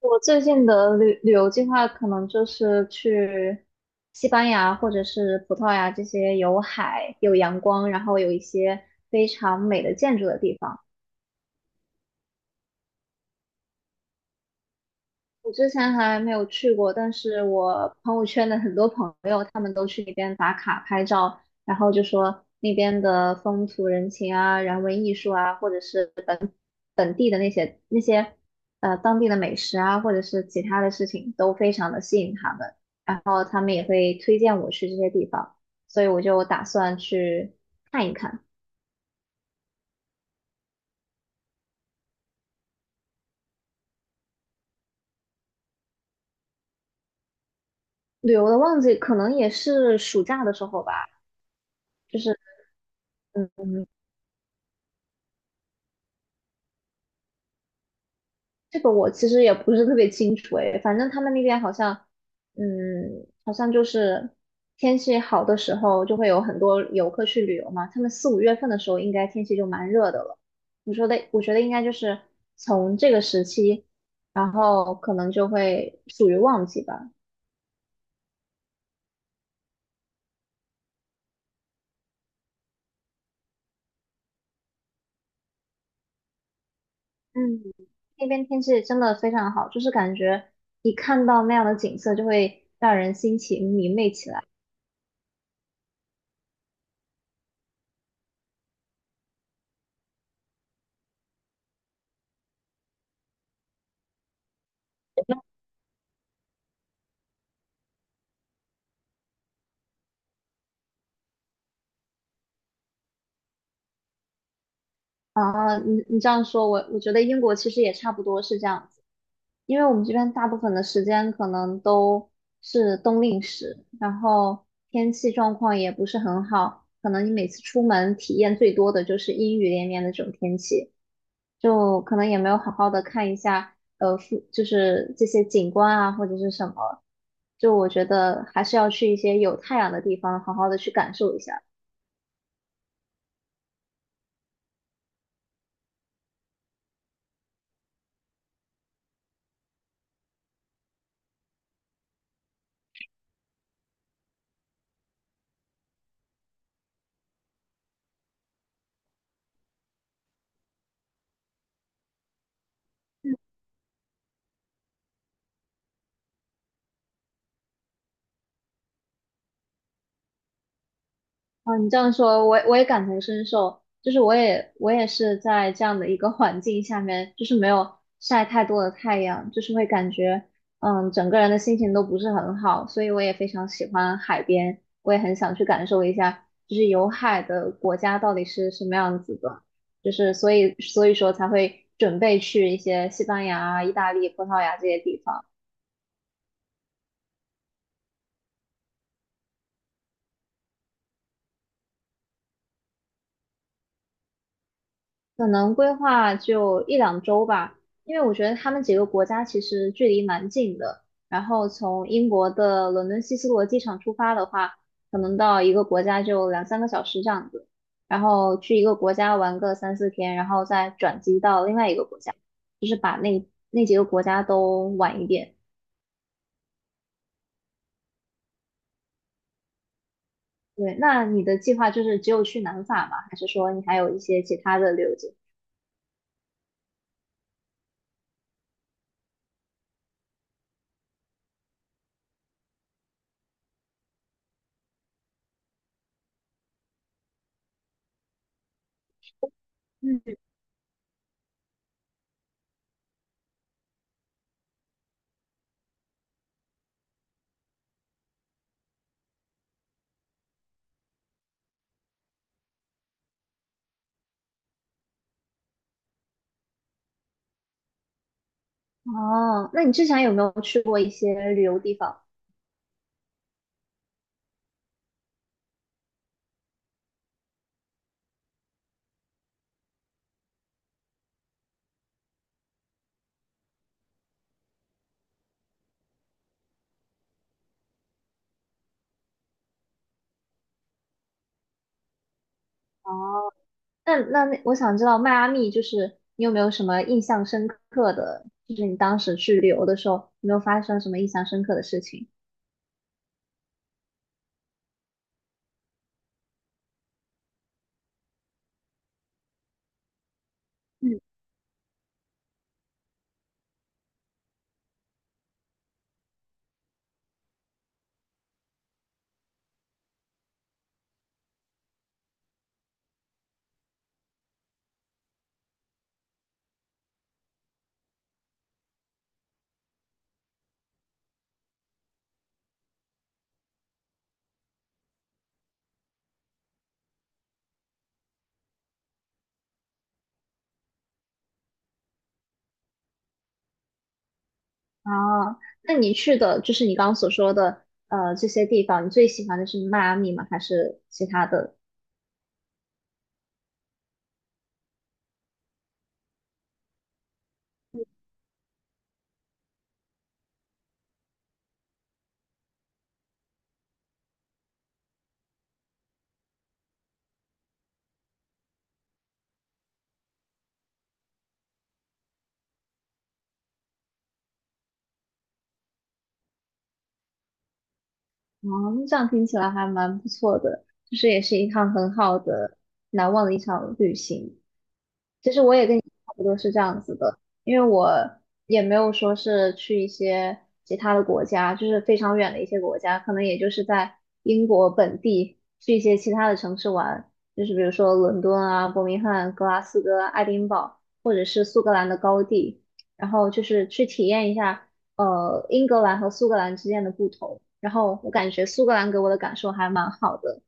我最近的旅游计划可能就是去西班牙或者是葡萄牙这些有海、有阳光，然后有一些非常美的建筑的地方。我之前还没有去过，但是我朋友圈的很多朋友，他们都去那边打卡拍照，然后就说那边的风土人情啊、人文艺术啊，或者是本地的那些那些呃当地的美食啊，或者是其他的事情，都非常的吸引他们，然后他们也会推荐我去这些地方，所以我就打算去旅游的旺季，可能也是暑假的时候吧，就是嗯。这个我其实也不是特别清楚诶，反正他们那边好像，好像就是天气好的时候就会有很多游客去旅游嘛。他们四五月份的时候应该天气就蛮热的了。我说的，我觉得应该就是从这个时期，然后可能就会属于旺季吧。嗯，那边天气真的非常好，就是感觉一看到那样的景色就会让人心情明媚起来。你这样说，我觉得英国其实也差不多是这样子。因为我们这边大部分的时间可能都是冬令时，然后天气状况也不是很好，可能你每次出门体验最多的就是阴雨连绵的这种天气，就可能也没有好好的看一下，就是这些景观啊或者是什么，就我觉得还是要去一些有太阳的地方，好好的去感受一下。啊，你这样说，我也感同身受，就是我也是在这样的一个环境下面，就是没有晒太多的太阳，就是会感觉，整个人的心情都不是很好，所以我也非常喜欢海边，我也很想去感受一下，就是有海的国家到底是什么样子的，就是所以说才会准备去一些西班牙啊意大利、葡萄牙这些地方。可能规划就一两周吧，因为我觉得他们几个国家其实距离蛮近的。然后从英国的伦敦希斯罗机场出发的话，可能到一个国家就两三个小时这样子。然后去一个国家玩个三四天，然后再转机到另外一个国家，就是把那几个国家都玩一遍。对，那你的计划就是只有去南法吗？还是说你还有一些其他的旅游计划嗯。哦，那你之前有没有去过一些旅游地方？哦，那,我想知道迈阿密就是你有没有什么印象深刻的，就是你当时去旅游的时候，有没有发生什么印象深刻的事情？嗯，啊，那你去的就是你刚刚所说的这些地方，你最喜欢的是迈阿密吗？还是其他的？哦，那这样听起来还蛮不错的，就是也是一趟很好的、难忘的一场旅行。其实我也跟你差不多是这样子的，因为我也没有说是去一些其他的国家，就是非常远的一些国家，可能也就是在英国本地去一些其他的城市玩，就是比如说伦敦啊、伯明翰、格拉斯哥、爱丁堡，或者是苏格兰的高地，然后就是去体验一下英格兰和苏格兰之间的不同。然后我感觉苏格兰给我的感受还蛮好的。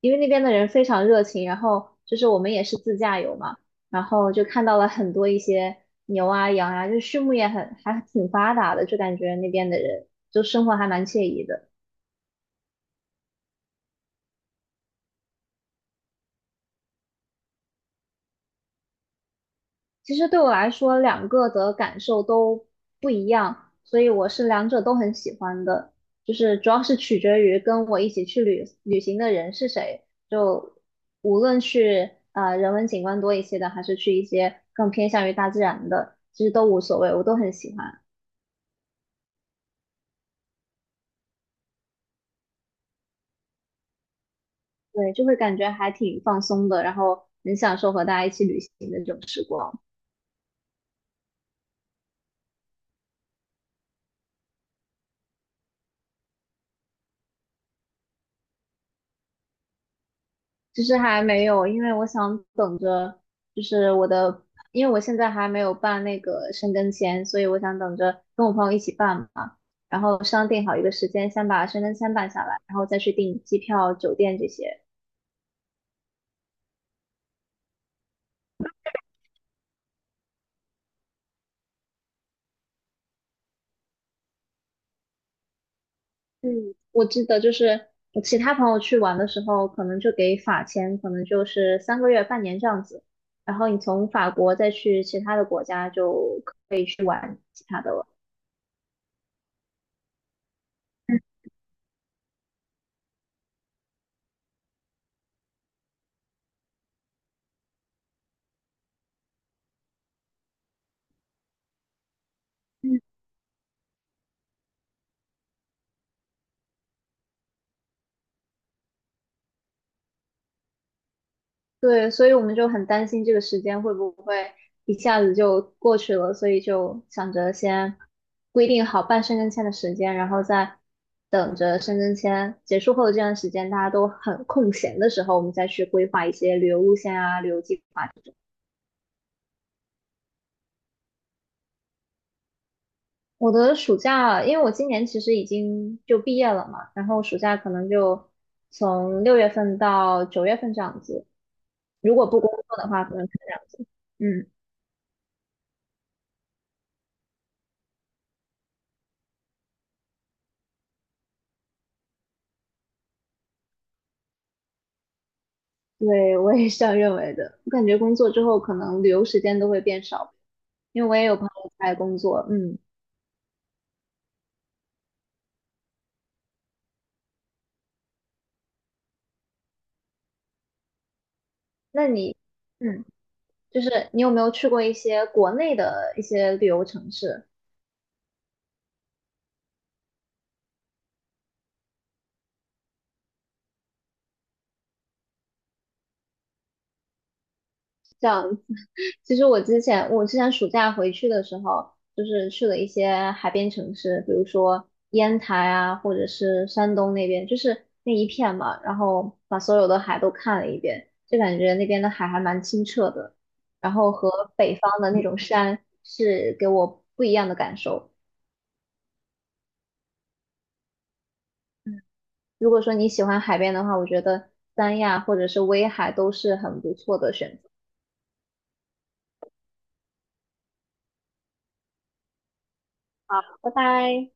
因为那边的人非常热情，然后就是我们也是自驾游嘛，然后就看到了很多一些牛啊、羊啊，就是畜牧业很还挺发达的，就感觉那边的人就生活还蛮惬意的。其实对我来说，两个的感受都不一样，所以我是两者都很喜欢的，就是主要是取决于跟我一起去旅行的人是谁，就无论去人文景观多一些的，还是去一些更偏向于大自然的，其实都无所谓，我都很喜欢。对，就会感觉还挺放松的，然后很享受和大家一起旅行的这种时光。其实还没有，因为我想等着，就是我的，因为我现在还没有办那个申根签，所以我想等着跟我朋友一起办嘛，然后商定好一个时间，先把申根签办下来，然后再去订机票、酒店这些。嗯，我记得就是我其他朋友去玩的时候，可能就给法签，可能就是3个月、半年这样子。然后你从法国再去其他的国家，就可以去玩其他的了。嗯，对，所以我们就很担心这个时间会不会一下子就过去了，所以就想着先规定好办申根签的时间，然后再等着申根签结束后的这段时间，大家都很空闲的时候，我们再去规划一些旅游路线啊、旅游计划。这种。我的暑假，因为我今年其实已经就毕业了嘛，然后暑假可能就从6月份到9月份这样子。如果不工作的话，可能是这样子。嗯，对，我也是这样认为的。我感觉工作之后，可能旅游时间都会变少，因为我也有朋友在工作。嗯，那你，嗯，就是你有没有去过一些国内的一些旅游城市？其实我之前暑假回去的时候，就是去了一些海边城市，比如说烟台啊，或者是山东那边，就是那一片嘛，然后把所有的海都看了一遍，就感觉那边的海还蛮清澈的，然后和北方的那种山是给我不一样的感受。如果说你喜欢海边的话，我觉得三亚或者是威海都是很不错的选择。拜拜。